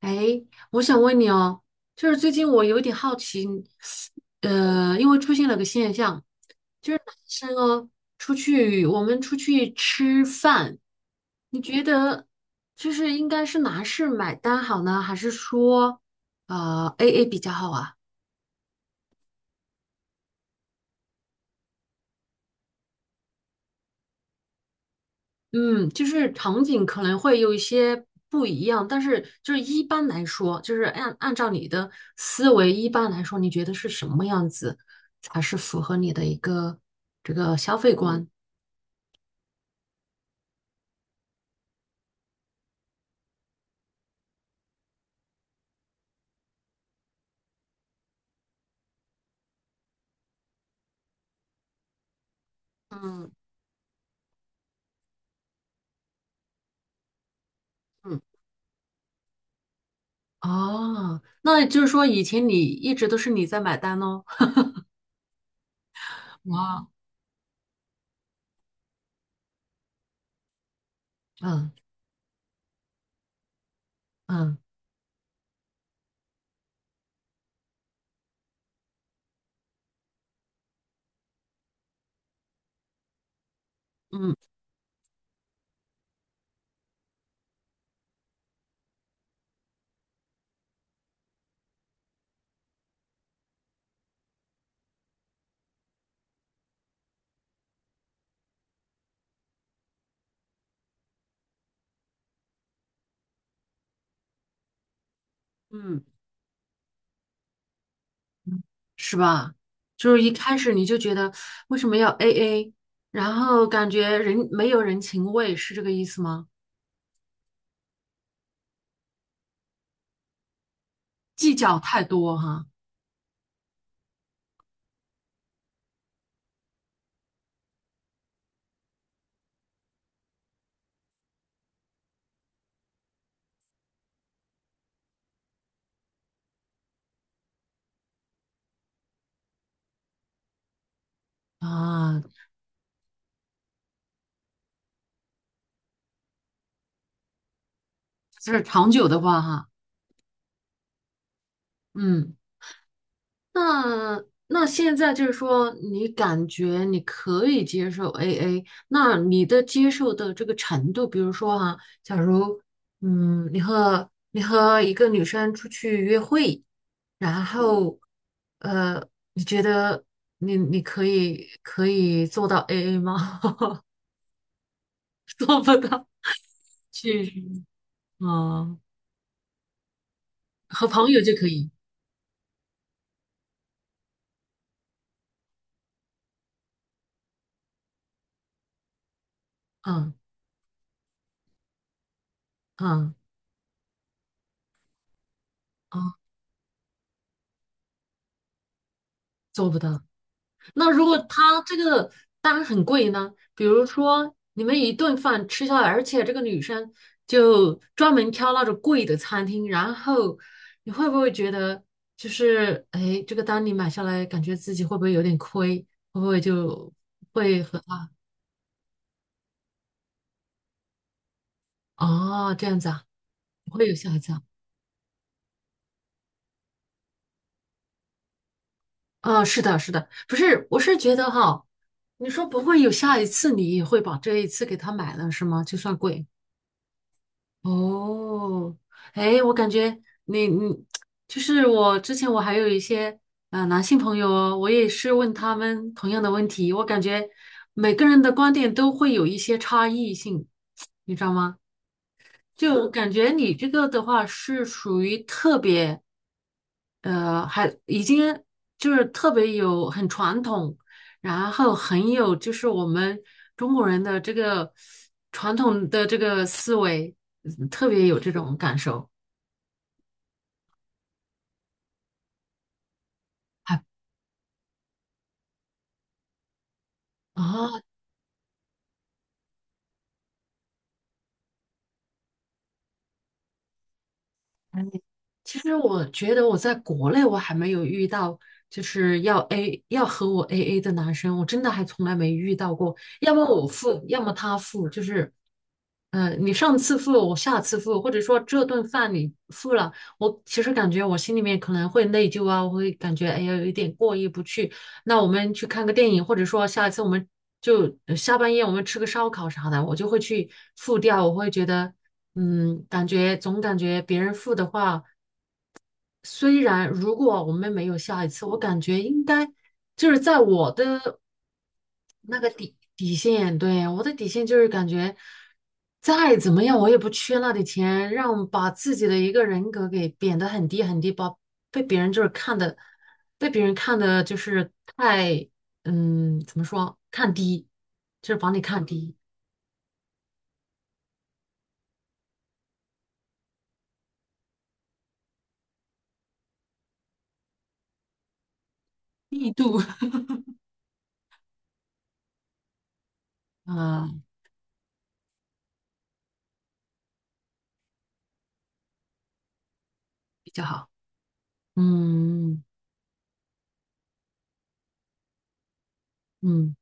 哎，我想问你哦，就是最近我有点好奇，因为出现了个现象，是哦我们出去吃饭，你觉得就是应该是男士买单好呢，还是说AA 比较好啊？嗯，就是场景可能会有一些不一样，但是就是一般来说，就是按照你的思维，一般来说，你觉得是什么样子才是符合你的一个这个消费观？嗯嗯，哦，那就是说以前你一直都是你在买单哦。哇，嗯嗯嗯，嗯，是吧？就是一开始你就觉得为什么要 AA，然后感觉人没有人情味，是这个意思吗？计较太多哈啊，就是长久的话哈，嗯，那现在就是说，你感觉你可以接受 AA，那你的接受的这个程度，比如说哈，假如你和一个女生出去约会，然后呃，你觉得你可以做到 AA 吗？做不到，去实，嗯，和朋友就可以，嗯嗯。啊，做不到。那如果他这个单很贵呢？比如说你们一顿饭吃下来，而且这个女生就专门挑那种贵的餐厅，然后你会不会觉得就是哎，这个单你买下来，感觉自己会不会有点亏？会不会就会和他哦这样子啊？不会有下一次啊？啊，是的，是的，不是，我是觉得哈，你说不会有下一次，你也会把这一次给他买了是吗？就算贵。哦，哎，我感觉你就是我之前我还有一些男性朋友哦，我也是问他们同样的问题，我感觉每个人的观点都会有一些差异性，你知道吗？就感觉你这个的话是属于特别，还已经就是特别有很传统，然后很有就是我们中国人的这个传统的这个思维，特别有这种感受。还啊，其实我觉得我在国内我还没有遇到，就是要和我 AA 的男生，我真的还从来没遇到过。要么我付，要么他付，就是，你上次付，我下次付，或者说这顿饭你付了，我其实感觉我心里面可能会内疚啊，我会感觉哎呀有一点过意不去。那我们去看个电影，或者说下一次我们就下半夜我们吃个烧烤啥的，我就会去付掉，我会觉得。感觉总感觉别人付的话，虽然如果我们没有下一次，我感觉应该就是在我的那个底线，对，我的底线就是感觉再怎么样我也不缺那点钱，让把自己的一个人格给贬得很低很低，把被别人就是看的，被别人看的就是太怎么说看低，就是把你看低力度，啊、比较好，嗯嗯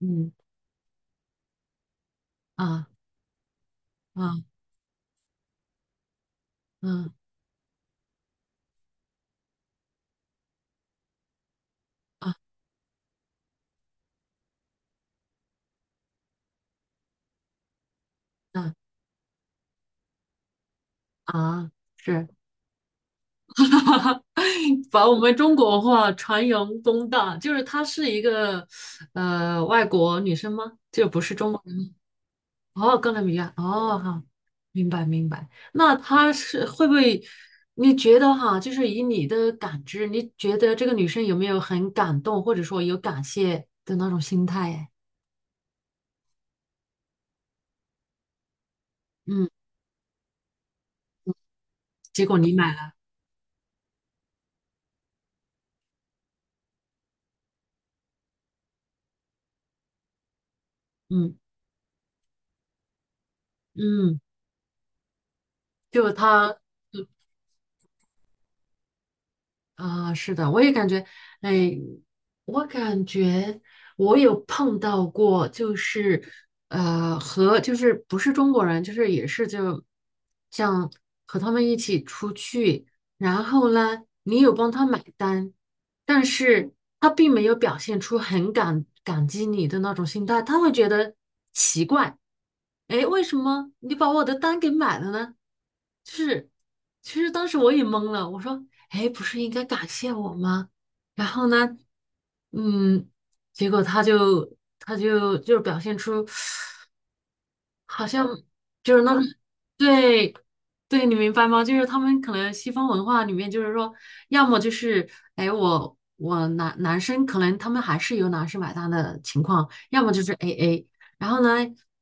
嗯嗯啊啊啊啊啊。啊，是，把我们中国文化传扬光大，就是她是一个外国女生吗？哦，哥伦比亚，哦，好，明白明白。那她是会不会？你觉得哈，就是以你的感知，你觉得这个女生有没有很感动，或者说有感谢的那种心态啊？哎嗯，结果你买了，嗯嗯，就她啊，是的，我也感觉，哎，我感觉我有碰到过，就是和就是不是中国人，就是也是就像和他们一起出去，然后呢，你有帮他买单，但是他并没有表现出很感激你的那种心态，他会觉得奇怪。哎，为什么你把我的单给买了呢？就是，其实当时我也懵了，我说，哎，不是应该感谢我吗？然后呢，嗯，结果他就就是表现出好像就是那种，对，对，你明白吗？就是他们可能西方文化里面，就是说，要么就是，哎，我男生可能他们还是由男生买单的情况，要么就是 AA，然后呢，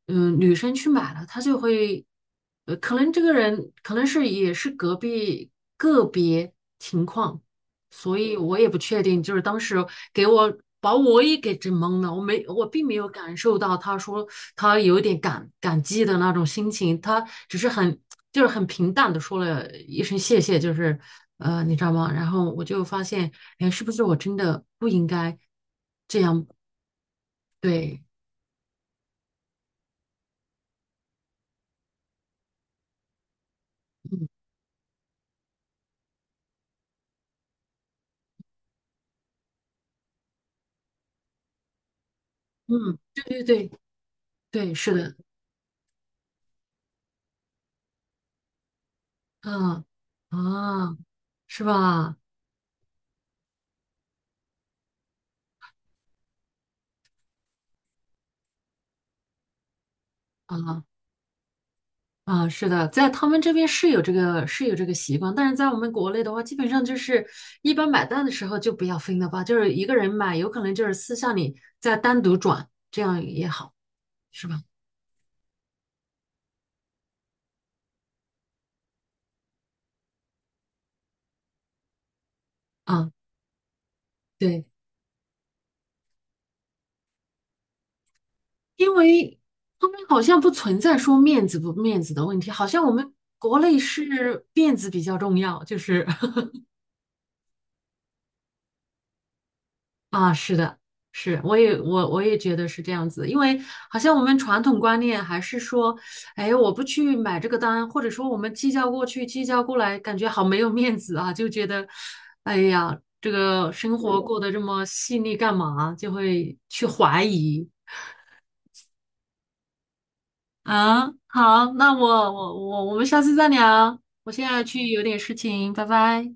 女生去买了，她就会，可能这个人可能是也是隔壁个别情况，所以我也不确定，就是当时给我把我也给整懵了，我并没有感受到他说他有点感激的那种心情，他只是很就是很平淡的说了一声谢谢，就是你知道吗？然后我就发现，哎，是不是我真的不应该这样？对，嗯嗯，对对对对，是的，嗯啊，是吧？啊。啊，是的，在他们这边是有这个习惯，但是在我们国内的话，基本上就是一般买单的时候就不要分了吧，就是一个人买，有可能就是私下里再单独转，这样也好，是吧？啊，对，因为他们好像不存在说面子不面子的问题，好像我们国内是面子比较重要，就是 啊，是的，是，我也觉得是这样子，因为好像我们传统观念还是说，哎，我不去买这个单，或者说我们计较过去，计较过来，感觉好没有面子啊，就觉得，哎呀，这个生活过得这么细腻干嘛？就会去怀疑啊。好，那我们下次再聊，我现在去有点事情，拜拜。